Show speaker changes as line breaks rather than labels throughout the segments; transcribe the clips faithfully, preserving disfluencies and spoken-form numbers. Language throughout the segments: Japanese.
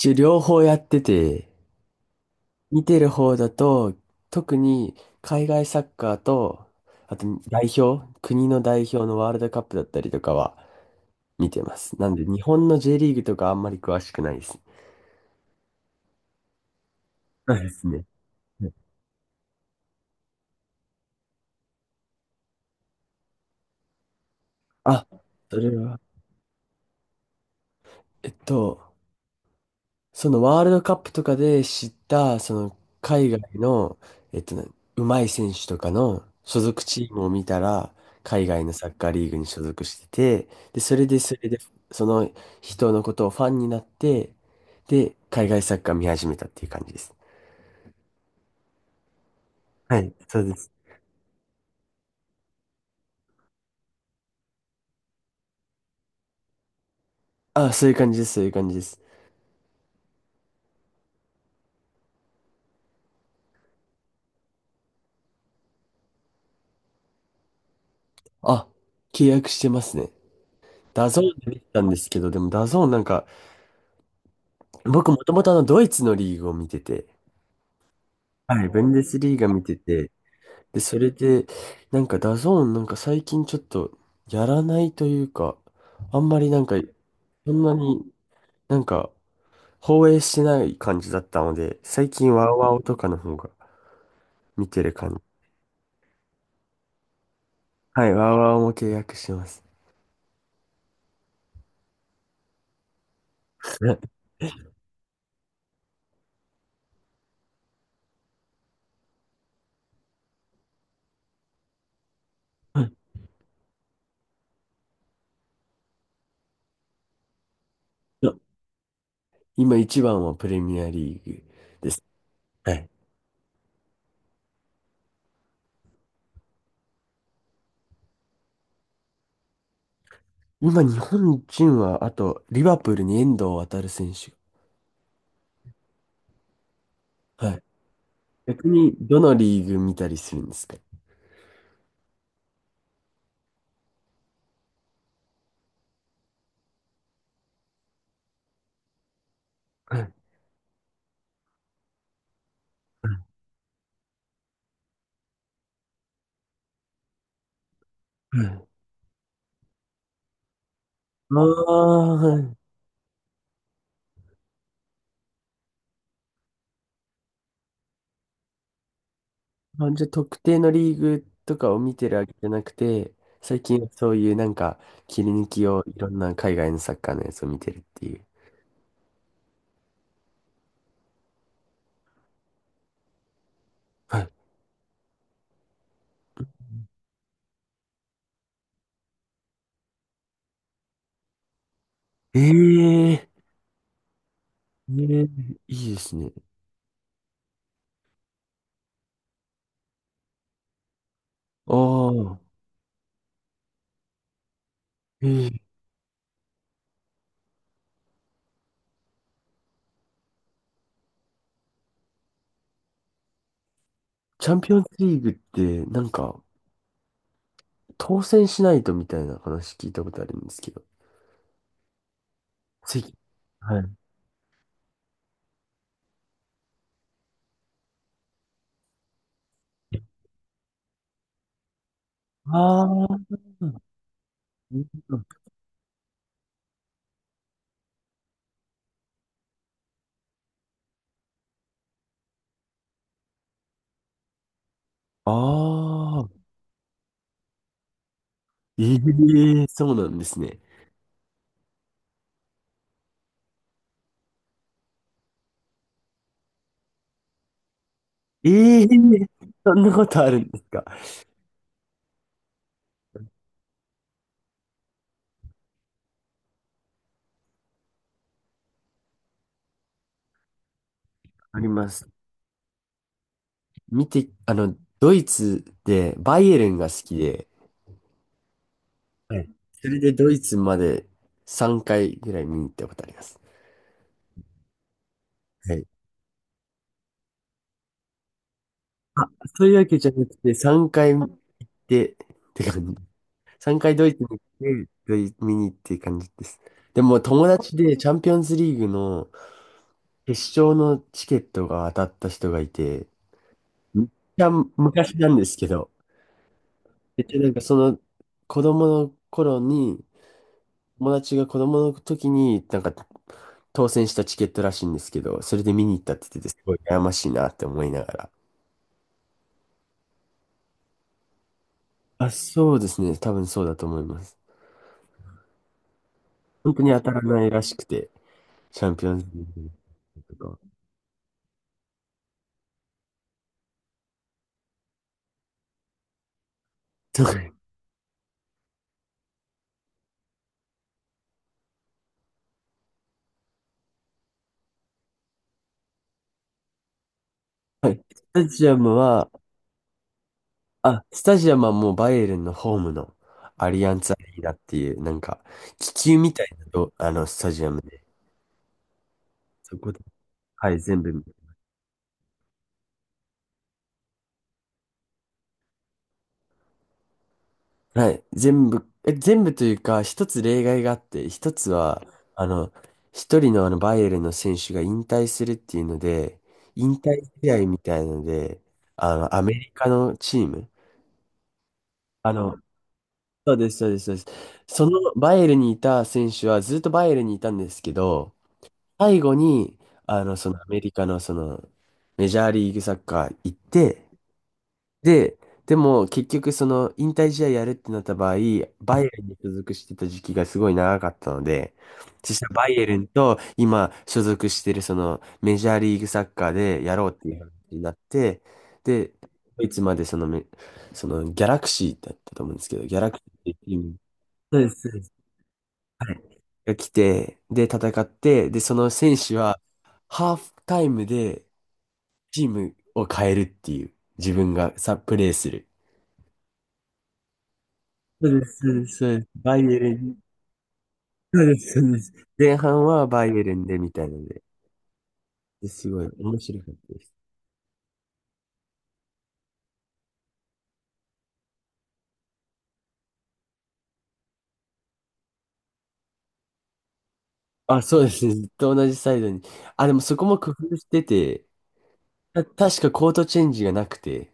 一応両方やってて、見てる方だと、特に海外サッカーと、あと代表、国の代表のワールドカップだったりとかは見てます。なんで日本の J リーグとかあんまり詳しくないです。そうですね。はい。あ、それは、えっと、そのワールドカップとかで知った、その海外の、えっとね、うまい選手とかの所属チームを見たら、海外のサッカーリーグに所属してて、で、それでそれで、その人のことをファンになって、で、海外サッカー見始めたっていう感じです。はい、そうです。あ、そういう感じです、そういう感じです。あ、契約してますね。ダゾーンで見てたんですけど、でもダゾーンなんか、僕もともとあのドイツのリーグを見てて、はい、ブンデスリーガ見てて、で、それで、なんかダゾーンなんか最近ちょっとやらないというか、あんまりなんか、そんなになんか放映してない感じだったので、最近ワウワウとかの方が見てる感じ。はい、ワウワウも契約してます。今一番はプレミアリーグです。はい。今日本人は、あと、リバプールに遠藤航選手。はい。逆に、どのリーグ見たりするんですか？はい。はい。はい。ああー、はい。あ、じゃあ特定のリーグとかを見てるわけじゃなくて、最近はそういうなんか切り抜きをいろんな海外のサッカーのやつを見てるっていう。はい。ええええいいですね。ああ、ええ。チャンピオンズリーグってなんか当選しないとみたいな話聞いたことあるんですけど。つい。はい。ああ、ああ、ええそうなんですね。ええ、そんなことあるんですか？あります。見て、あの、ドイツでバイエルンが好きで、はい。それでドイツまでさんかいぐらい見に行ったことあります。はい。あ、そういうわけじゃなくて、さんかい行って、って感じ。さんかいドイツに行って、ドイ見に行って感じです。でも友達でチャンピオンズリーグの決勝のチケットが当たった人がいて、めっちゃ昔なんですけど、めっちゃなんかその子供の頃に、友達が子供の時に、なんか当選したチケットらしいんですけど、それで見に行ったって言ってて、すごい悩ましいなって思いながら。あ、そうですね。多分そうだと思います。本当に当たらないらしくて、チャンピオンズリーグとか。とかはい。スタジアムは、あ、スタジアムはもうバイエルンのホームのアリアンツアリーナっていう、なんか、気球みたいなと、あの、スタジアムで、そこで、はい、全部。はい。全部、え、全部というか、一つ例外があって、一つは、あの、一人のあの、バイエルンの選手が引退するっていうので、引退試合みたいので、あの、アメリカのチーム、あの、そうです、そうです、そうです。そのバイエルンにいた選手はずっとバイエルンにいたんですけど、最後に、あの、そのアメリカのその、メジャーリーグサッカー行って、で、でも結局その引退試合やるってなった場合、バイエルンに所属してた時期がすごい長かったので、そしたらバイエルンと今所属してるそのメジャーリーグサッカーでやろうっていう話になって、で、ドイツまでそのめ、そのギャラクシーだったと思うんですけど、ギャラクシーっていうチーム。そうです、そうです。はい。が来て、で、戦って、で、その選手はハーフタイムでチームを変えるっていう、自分がさ、プレーする。そうです、そうです、そうです。バイエルン。そうです、そうです。前半はバイエルンでみたいなので、ですごい面白かったです。あ、そうですね。ずっと同じサイドに。あ、でもそこも工夫してて、た、確かコートチェンジがなくて、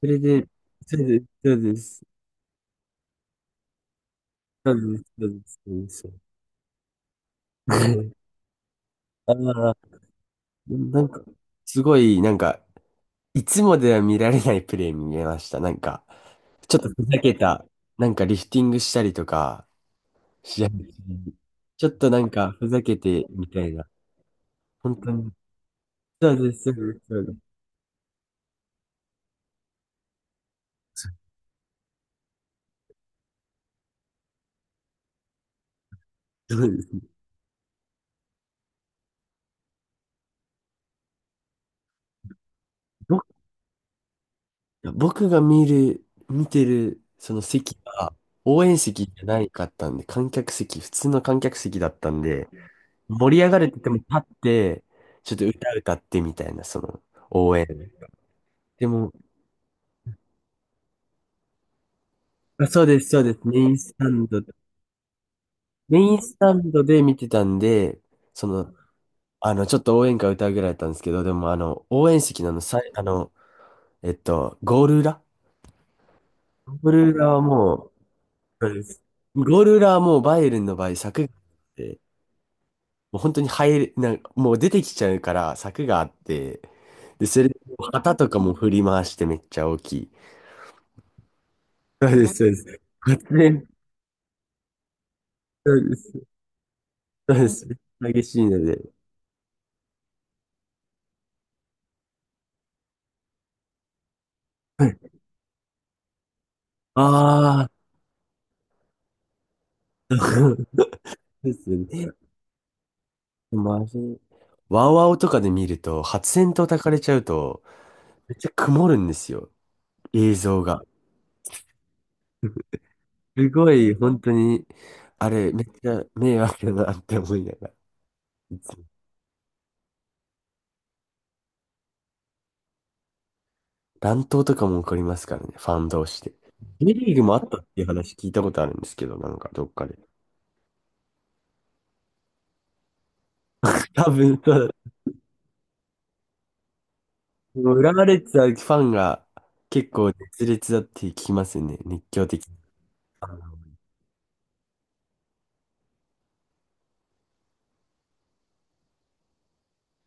それで、そうです、そうです、そうです、そうです、そうです。ああ、なんか、すごい、なんか、いつもでは見られないプレー見えました。なんか、ちょっとふざけた、なんかリフティングしたりとか、試合中にちょっとなんかふざけてみたいな。本当に。そうです、そうです、そうです。そうですね。僕僕が見る、見てるその席が応援席じゃないかったんで、観客席、普通の観客席だったんで、盛り上がれてても立って、ちょっと歌歌ってみたいな、その応援。でも、あ、そうです、そうです。メインスタンド、メインスタンドで見てたんで、その、あの、ちょっと応援歌歌うぐらいだったんですけど、でも、あの、応援席のあの、さい、あの、えっと、ゴール裏ゴール裏はもう、そうです。ゴール裏はもうバイエルンの場合、柵があって、もう本当に入れ、なんかもう出てきちゃうから柵があって、で、それ、旗とかも振り回してめっちゃ大きい。そうです、そうです。発煙、そうです、そうです。激しいので。ああー、そうですね。マジ。ワウワウとかで見ると、発煙筒焚かれちゃうと、めっちゃ曇るんですよ。映像が。すごい、本当に、あれ、めっちゃ迷惑だなって思いながら。乱闘とかも起こりますからね、ファン同士で。J リーグもあったっていう話聞いたことあるんですけど、なんかどっかで。多分、そうだ、もうレッズはファンが結構熱烈だって聞きますよね、熱狂的な。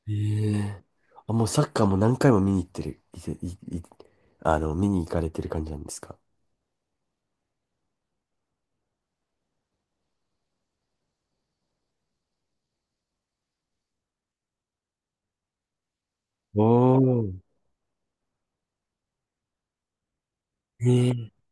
ええ。あ、もうサッカーも何回も見に行ってる、いていいあの、見に行かれてる感じなんですか？おおー。ええ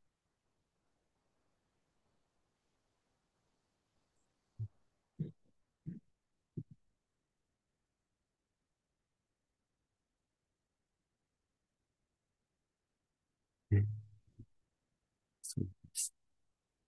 そう